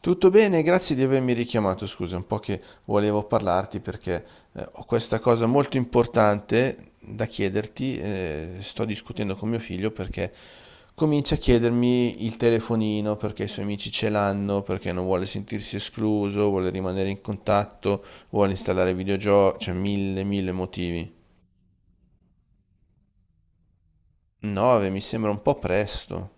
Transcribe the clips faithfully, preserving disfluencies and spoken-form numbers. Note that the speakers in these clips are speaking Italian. Tutto bene, grazie di avermi richiamato. Scusa, è un po' che volevo parlarti perché eh, ho questa cosa molto importante da chiederti. Eh, sto discutendo con mio figlio perché comincia a chiedermi il telefonino, perché i suoi amici ce l'hanno, perché non vuole sentirsi escluso, vuole rimanere in contatto, vuole installare videogiochi, cioè mille, mille motivi. nove mi sembra un po' presto.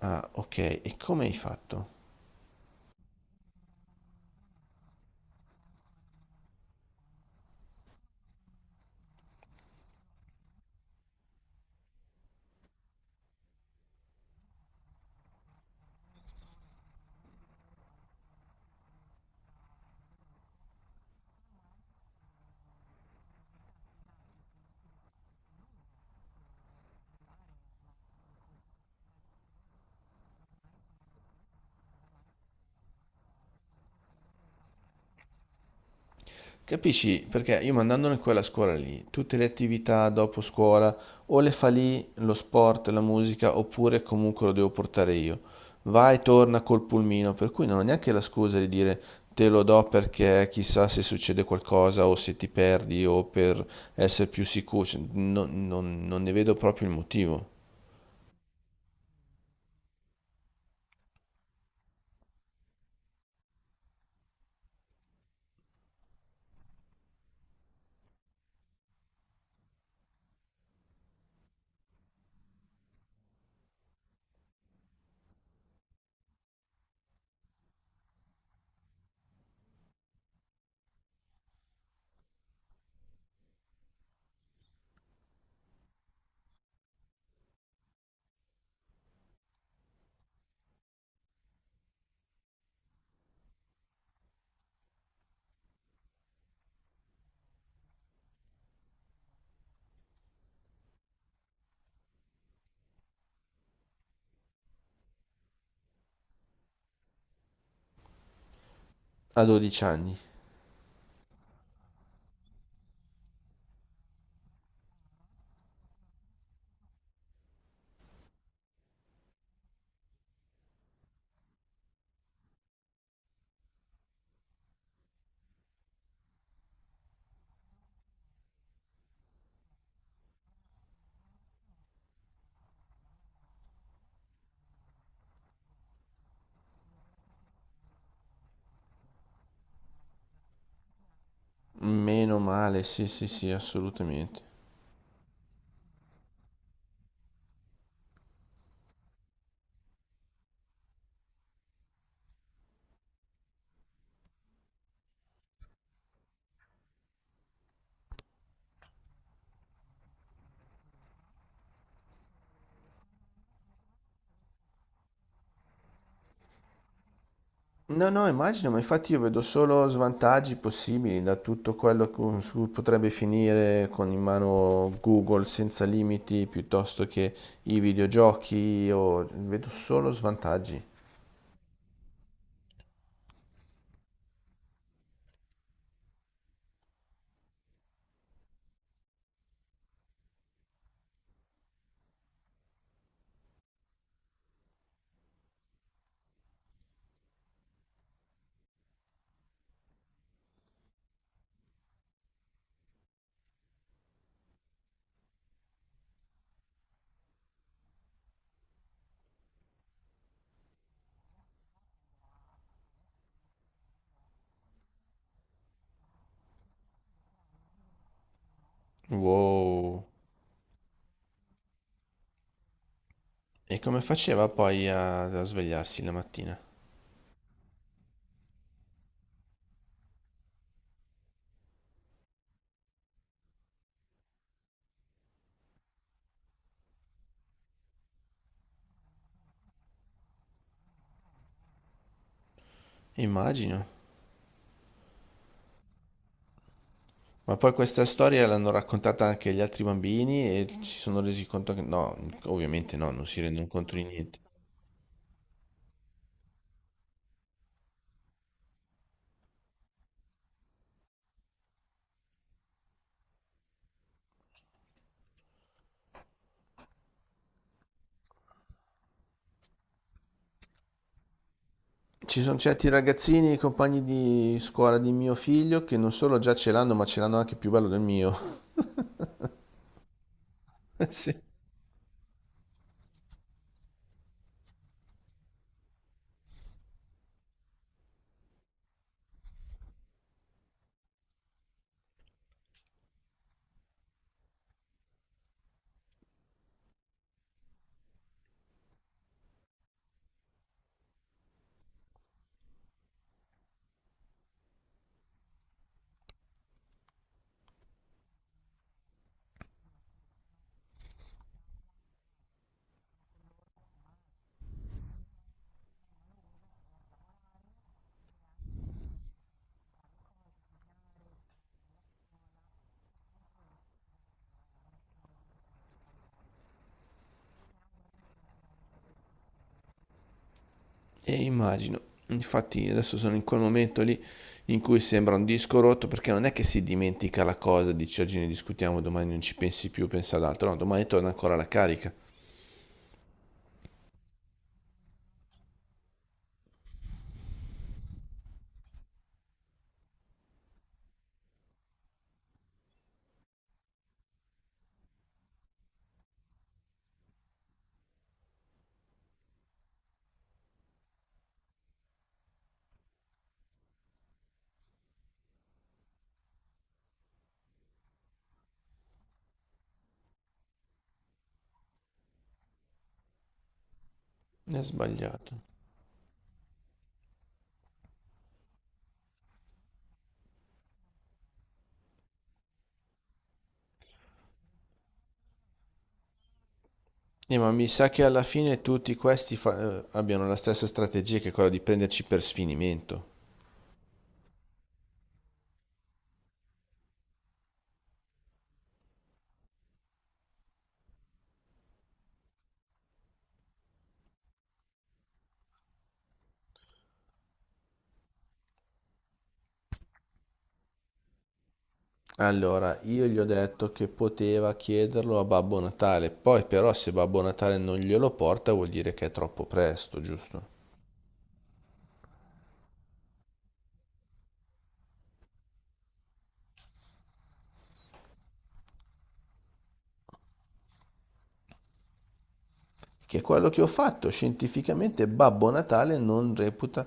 Ah, ok, e come hai fatto? Capisci? Perché io mandandone quella a scuola lì, tutte le attività dopo scuola, o le fa lì, lo sport, la musica, oppure comunque lo devo portare io. Va e torna col pulmino, per cui non ho neanche la scusa di dire te lo do perché chissà se succede qualcosa o se ti perdi o per essere più sicuro. Cioè, non, non- non ne vedo proprio il motivo. A dodici anni. Meno male, sì, sì, sì, assolutamente. No, no, immagino, ma infatti io vedo solo svantaggi possibili da tutto quello con- su cui potrebbe finire con in mano Google senza limiti piuttosto che i videogiochi, o vedo solo svantaggi. Wow. E come faceva poi a, a svegliarsi la mattina? Immagino. Ma poi questa storia l'hanno raccontata anche agli altri bambini e si sono resi conto che no, ovviamente no, non si rendono conto di niente. Ci sono certi ragazzini, compagni di scuola di mio figlio, che non solo già ce l'hanno, ma ce l'hanno anche più bello del mio. Sì. E immagino. Infatti adesso sono in quel momento lì in cui sembra un disco rotto perché non è che si dimentica la cosa, dici oggi ne discutiamo, domani non ci pensi più, pensa ad altro, no, domani torna ancora la carica. È sbagliato. Eh, ma mi sa che alla fine tutti questi fa- eh, abbiano la stessa strategia, che è quella di prenderci per sfinimento. Allora, io gli ho detto che poteva chiederlo a Babbo Natale, poi però se Babbo Natale non glielo porta vuol dire che è troppo presto, giusto? Che è quello che ho fatto, scientificamente Babbo Natale non reputa...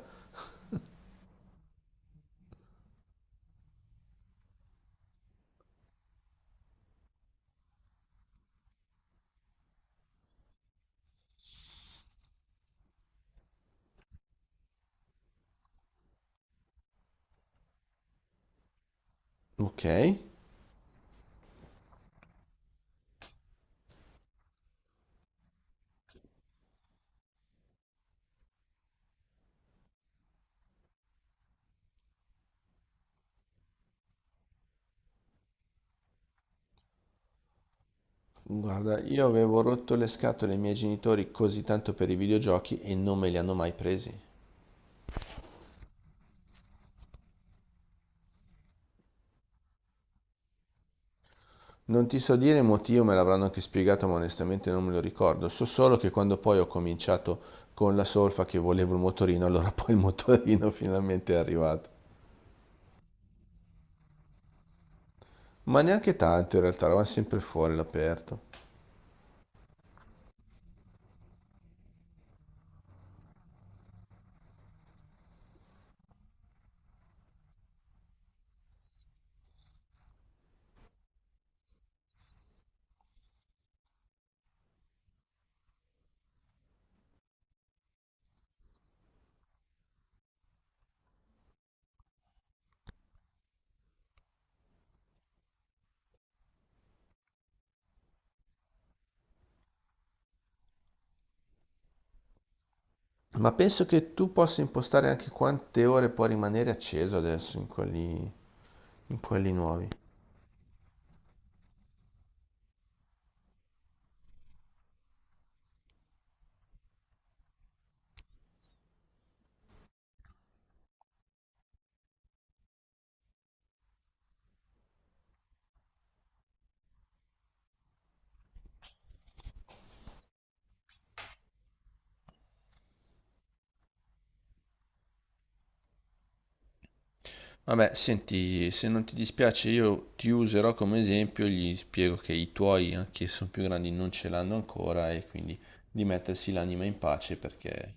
Ok, guarda, io avevo rotto le scatole ai miei genitori così tanto per i videogiochi e non me li hanno mai presi. Non ti so dire il motivo, me l'avranno anche spiegato, ma onestamente non me lo ricordo. So solo che quando poi ho cominciato con la solfa che volevo il motorino, allora poi il motorino finalmente è arrivato. Ma neanche tanto in realtà, eravamo sempre fuori all'aperto. Ma penso che tu possa impostare anche quante ore può rimanere acceso adesso in quelli, in quelli nuovi. Vabbè, senti, se non ti dispiace io ti userò come esempio, gli spiego che i tuoi, anche se sono più grandi, non ce l'hanno ancora e quindi di mettersi l'anima in pace perché,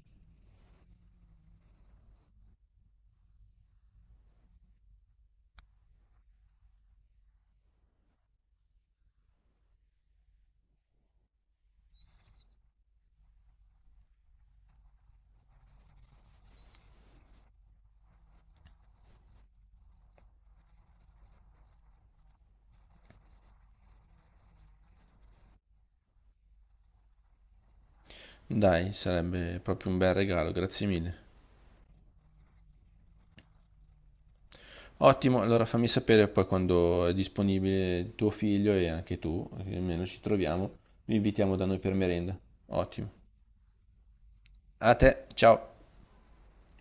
dai, sarebbe proprio un bel regalo, grazie mille. Ottimo, allora fammi sapere poi quando è disponibile tuo figlio e anche tu, almeno ci troviamo, lo invitiamo da noi per merenda. Ottimo. A te, ciao.